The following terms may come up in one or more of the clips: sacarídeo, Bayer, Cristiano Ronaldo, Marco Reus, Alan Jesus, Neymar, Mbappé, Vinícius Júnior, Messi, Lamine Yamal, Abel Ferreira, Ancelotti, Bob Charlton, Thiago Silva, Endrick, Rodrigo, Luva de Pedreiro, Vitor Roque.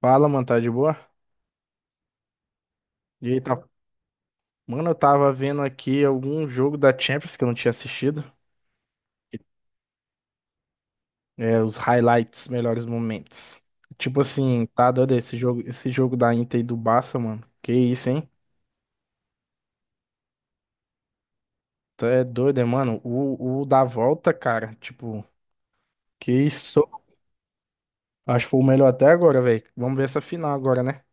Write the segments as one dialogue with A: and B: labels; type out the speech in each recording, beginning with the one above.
A: Fala, mano, tá de boa? E aí, tá? Mano, eu tava vendo aqui algum jogo da Champions que eu não tinha assistido. É, os highlights, melhores momentos. Tipo assim, tá doido esse jogo da Inter e do Barça, mano. Que isso, hein? Tu é doido, é, mano? O da volta, cara, tipo, que isso? Acho que foi o melhor até agora, velho. Vamos ver essa final agora, né?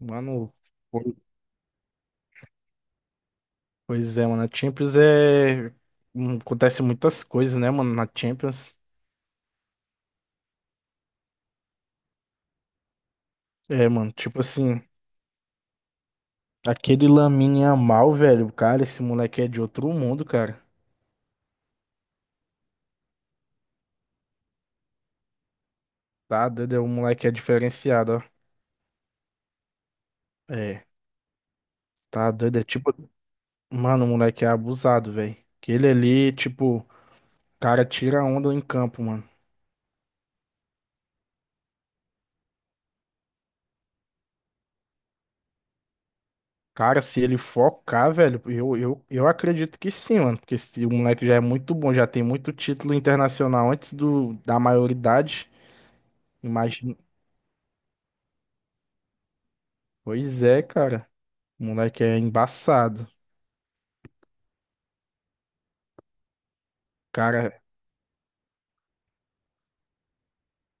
A: Mano, po- pois é, mano. A Champions é. Acontece muitas coisas, né, mano, na Champions. É, mano, tipo assim. Aquele Lamine Yamal, velho, cara, esse moleque é de outro mundo, cara. Tá doido, é um moleque é diferenciado, ó. É, tá doido, é tipo, mano, o moleque é abusado, velho. Aquele ali, tipo, cara tira onda em campo, mano. Cara, se ele focar, velho, eu acredito que sim, mano, porque esse o moleque já é muito bom, já tem muito título internacional antes do da maioridade. Imagina. Pois é, cara. O moleque é embaçado. Cara,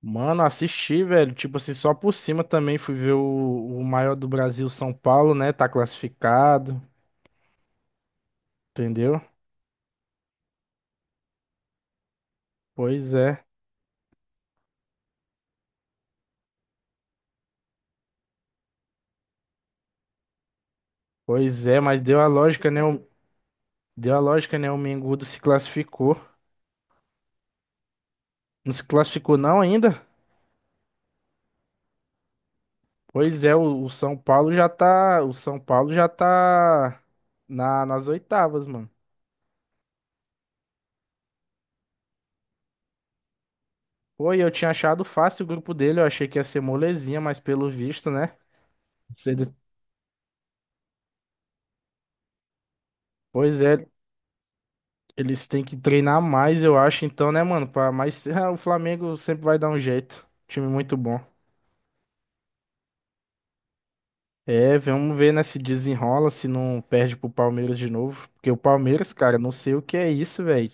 A: mano, assisti, velho. Tipo assim, só por cima também fui ver o maior do Brasil, São Paulo, né? Tá classificado, entendeu? Pois é, pois é, mas deu a lógica, né? Deu a lógica, né? O Mengudo se classificou. Não se classificou não ainda? Pois é, o São Paulo já tá. O São Paulo já tá nas oitavas, mano. Pô, e eu tinha achado fácil o grupo dele, eu achei que ia ser molezinha, mas pelo visto, né? Se ele- Pois é, eles têm que treinar mais, eu acho, então, né, mano? Mas o Flamengo sempre vai dar um jeito. Time muito bom. É, vamos ver, né, se desenrola, se não perde pro Palmeiras de novo. Porque o Palmeiras, cara, não sei o que é isso, velho.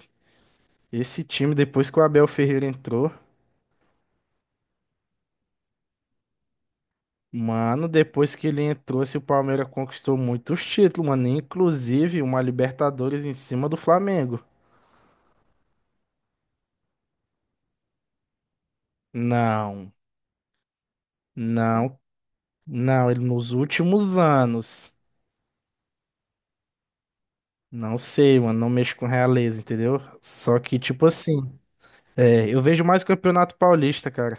A: Esse time, depois que o Abel Ferreira entrou, mano, depois que ele entrou, se o Palmeiras conquistou muitos títulos, mano. Inclusive uma Libertadores em cima do Flamengo. Não, não, não. Ele nos últimos anos. Não sei, mano, não mexo com realeza, entendeu? Só que, tipo assim, eu vejo mais Campeonato Paulista, cara.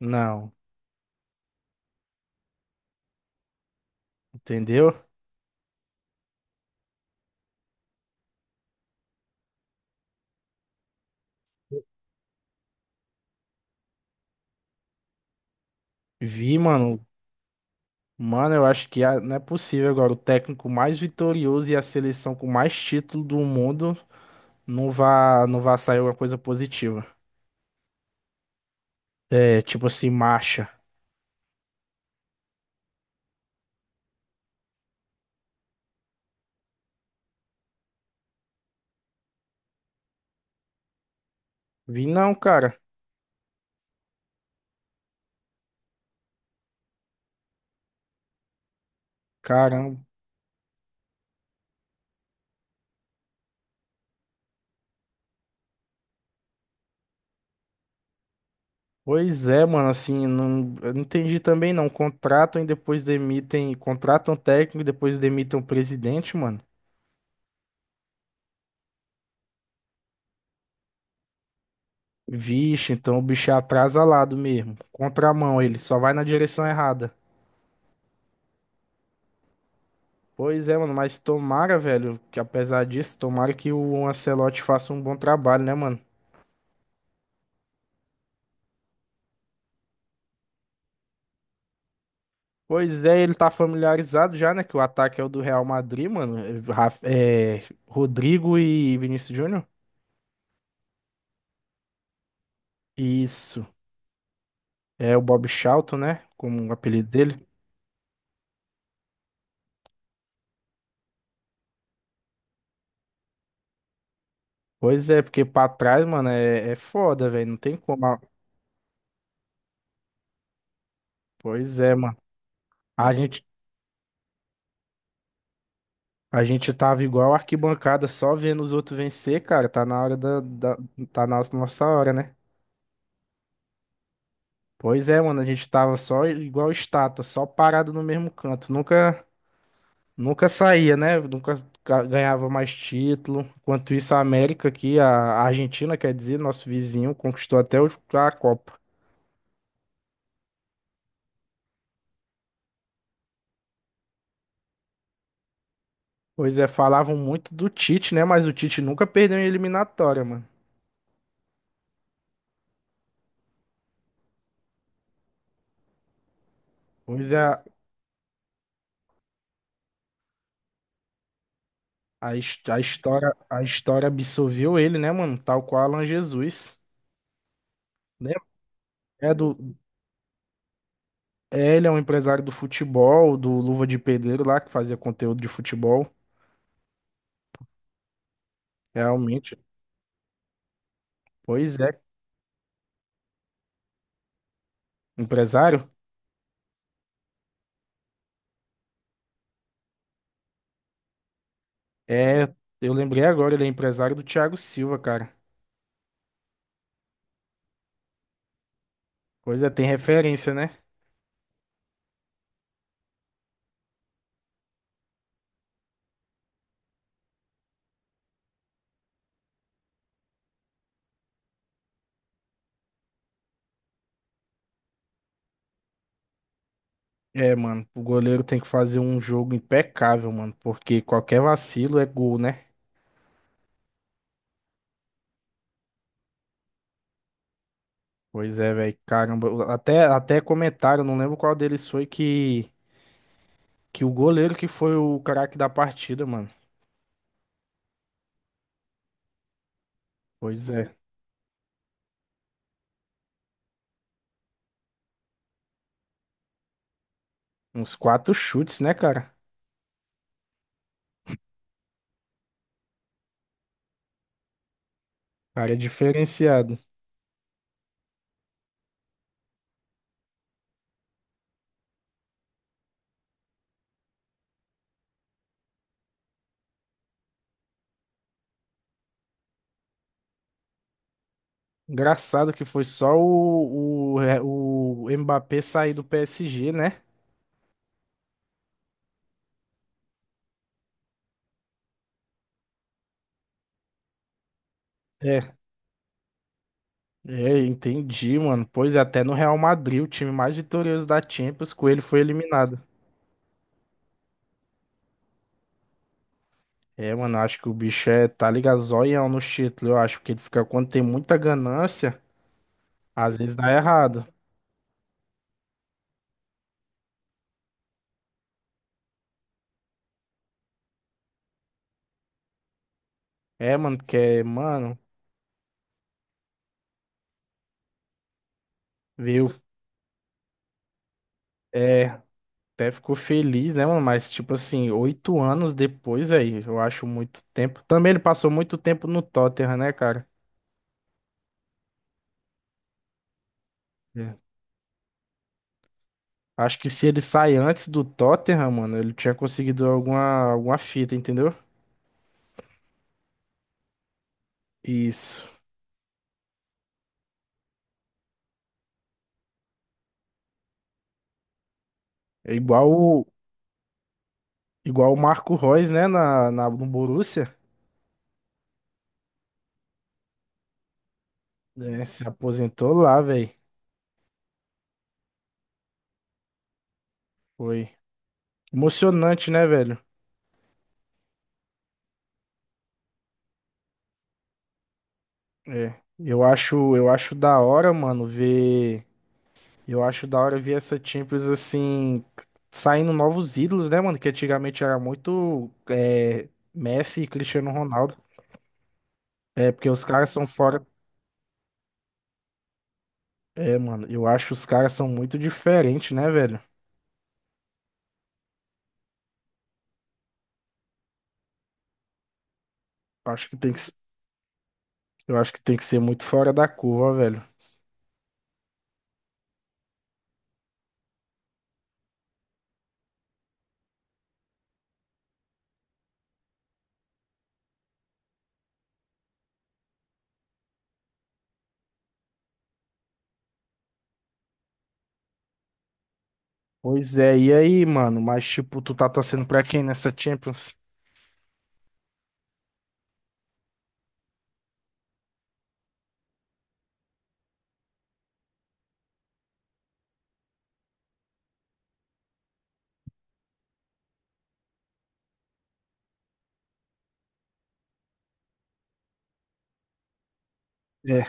A: Não, entendeu? Vi, mano. Mano, eu acho que não é possível agora. O técnico mais vitorioso e a seleção com mais título do mundo não vá sair alguma coisa positiva. É, tipo assim, marcha. Vi não, cara. Caramba. Pois é, mano, assim, não, eu não entendi também não. Contratam e depois demitem. Contratam técnico e depois demitem o presidente, mano. Vixe, então o bicho é atrasalado mesmo. Contramão, ele só vai na direção errada. Pois é, mano, mas tomara, velho, que apesar disso, tomara que o Ancelotti faça um bom trabalho, né, mano? Pois é, ele tá familiarizado já, né, que o ataque é o do Real Madrid, mano. É, Rodrigo e Vinícius Júnior. Isso. É o Bob Charlton, né, como o apelido dele. Pois é, porque pra trás, mano, é foda, velho, não tem como. Ah. Pois é, mano. A gente A gente tava igual arquibancada só vendo os outros vencer, cara. Tá na nossa hora, né? Pois é, mano, a gente tava só igual estátua, só parado no mesmo canto. Nunca, nunca saía, né? Nunca ganhava mais título. Enquanto isso, a América aqui, a Argentina, quer dizer, nosso vizinho, conquistou até a Copa. Pois é, falavam muito do Tite, né? Mas o Tite nunca perdeu em eliminatória, mano. Pois é, a história absorveu ele, né, mano? Tal qual Alan Jesus. Né? É do, ele é um empresário do futebol, do Luva de Pedreiro lá, que fazia conteúdo de futebol. Realmente. Pois é. Empresário? É, eu lembrei agora, ele é empresário do Thiago Silva, cara. Pois é, tem referência, né? É, mano, o goleiro tem que fazer um jogo impecável, mano, porque qualquer vacilo é gol, né? Pois é, velho, caramba. Até comentaram, não lembro qual deles foi que, o goleiro que foi o craque da partida, mano. Pois é, uns quatro chutes, né, cara? Cara, é diferenciado. Engraçado que foi só o Mbappé sair do PSG, né? É. É, entendi, mano. Pois é, até no Real Madrid, o time mais vitorioso da Champions, com ele foi eliminado. É, mano, eu acho que o bicho é, tá ligado, zoião no título. Eu acho que ele fica, quando tem muita ganância, às vezes dá errado. É, mano, porque, mano, viu? É, até ficou feliz, né, mano? Mas, tipo assim, 8 anos depois, aí, eu acho muito tempo. Também ele passou muito tempo no Tottenham, né, cara? É. Acho que se ele sai antes do Tottenham, mano, ele tinha conseguido alguma fita, entendeu? Isso. É igual, igual o Marco Reus, né, no Borussia. Né? Se aposentou lá, velho. Foi emocionante, né, velho? É. Eu acho da hora, mano, ver. Eu acho da hora ver essa Champions assim, saindo novos ídolos, né, mano? Que antigamente era muito Messi e Cristiano Ronaldo. É, porque os caras são fora. É, mano, eu acho os caras são muito diferentes, né, velho? Eu Acho que tem que, eu acho que tem que ser muito fora da curva, velho. Pois é, e aí, mano? Mas, tipo, tu tá torcendo pra quem nessa Champions? É.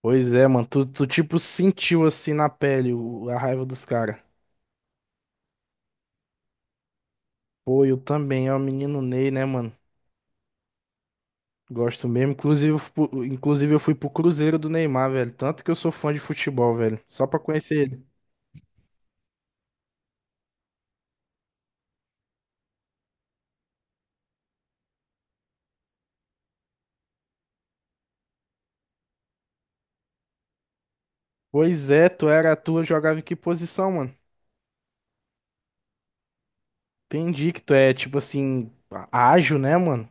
A: Pois é, mano. Tu tipo, sentiu assim na pele a raiva dos caras. Pô, eu também, é o menino Ney, né, mano? Gosto mesmo. Inclusive, eu fui pro Cruzeiro do Neymar, velho. Tanto que eu sou fã de futebol, velho. Só pra conhecer ele. Pois é, tu jogava em que posição, mano? Entendi que tu é, tipo assim, ágil, né, mano?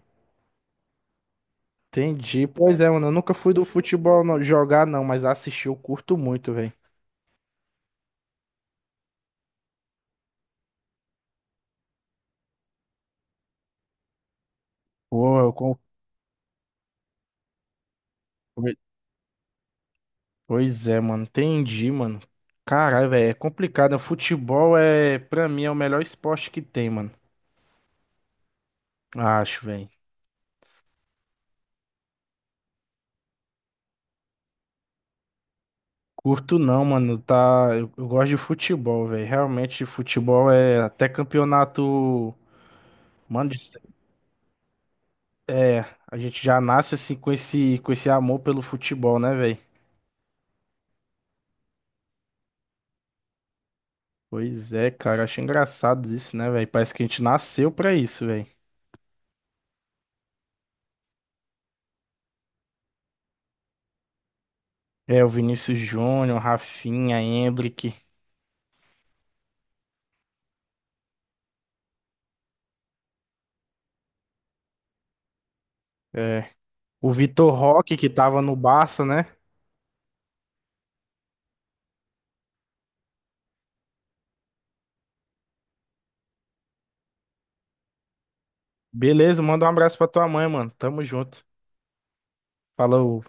A: Entendi. Pois é, mano. Eu nunca fui do futebol jogar, não, mas assistir eu curto muito, velho. Pô, eu com... Poi- Pois é, mano. Entendi, mano. Caralho, velho. É complicado. Né? Futebol é, pra mim, é o melhor esporte que tem, mano. Acho, velho. Curto não, mano, tá, eu gosto de futebol, velho. Realmente futebol é até campeonato, mano, é, a gente já nasce assim com esse amor pelo futebol, né, velho? Pois é, cara, acho engraçado isso, né, velho? Parece que a gente nasceu pra isso, velho. É, o Vinícius Júnior, Rafinha, Endrick, é, o Vitor Roque que tava no Barça, né? Beleza, manda um abraço pra tua mãe, mano. Tamo junto. Falou.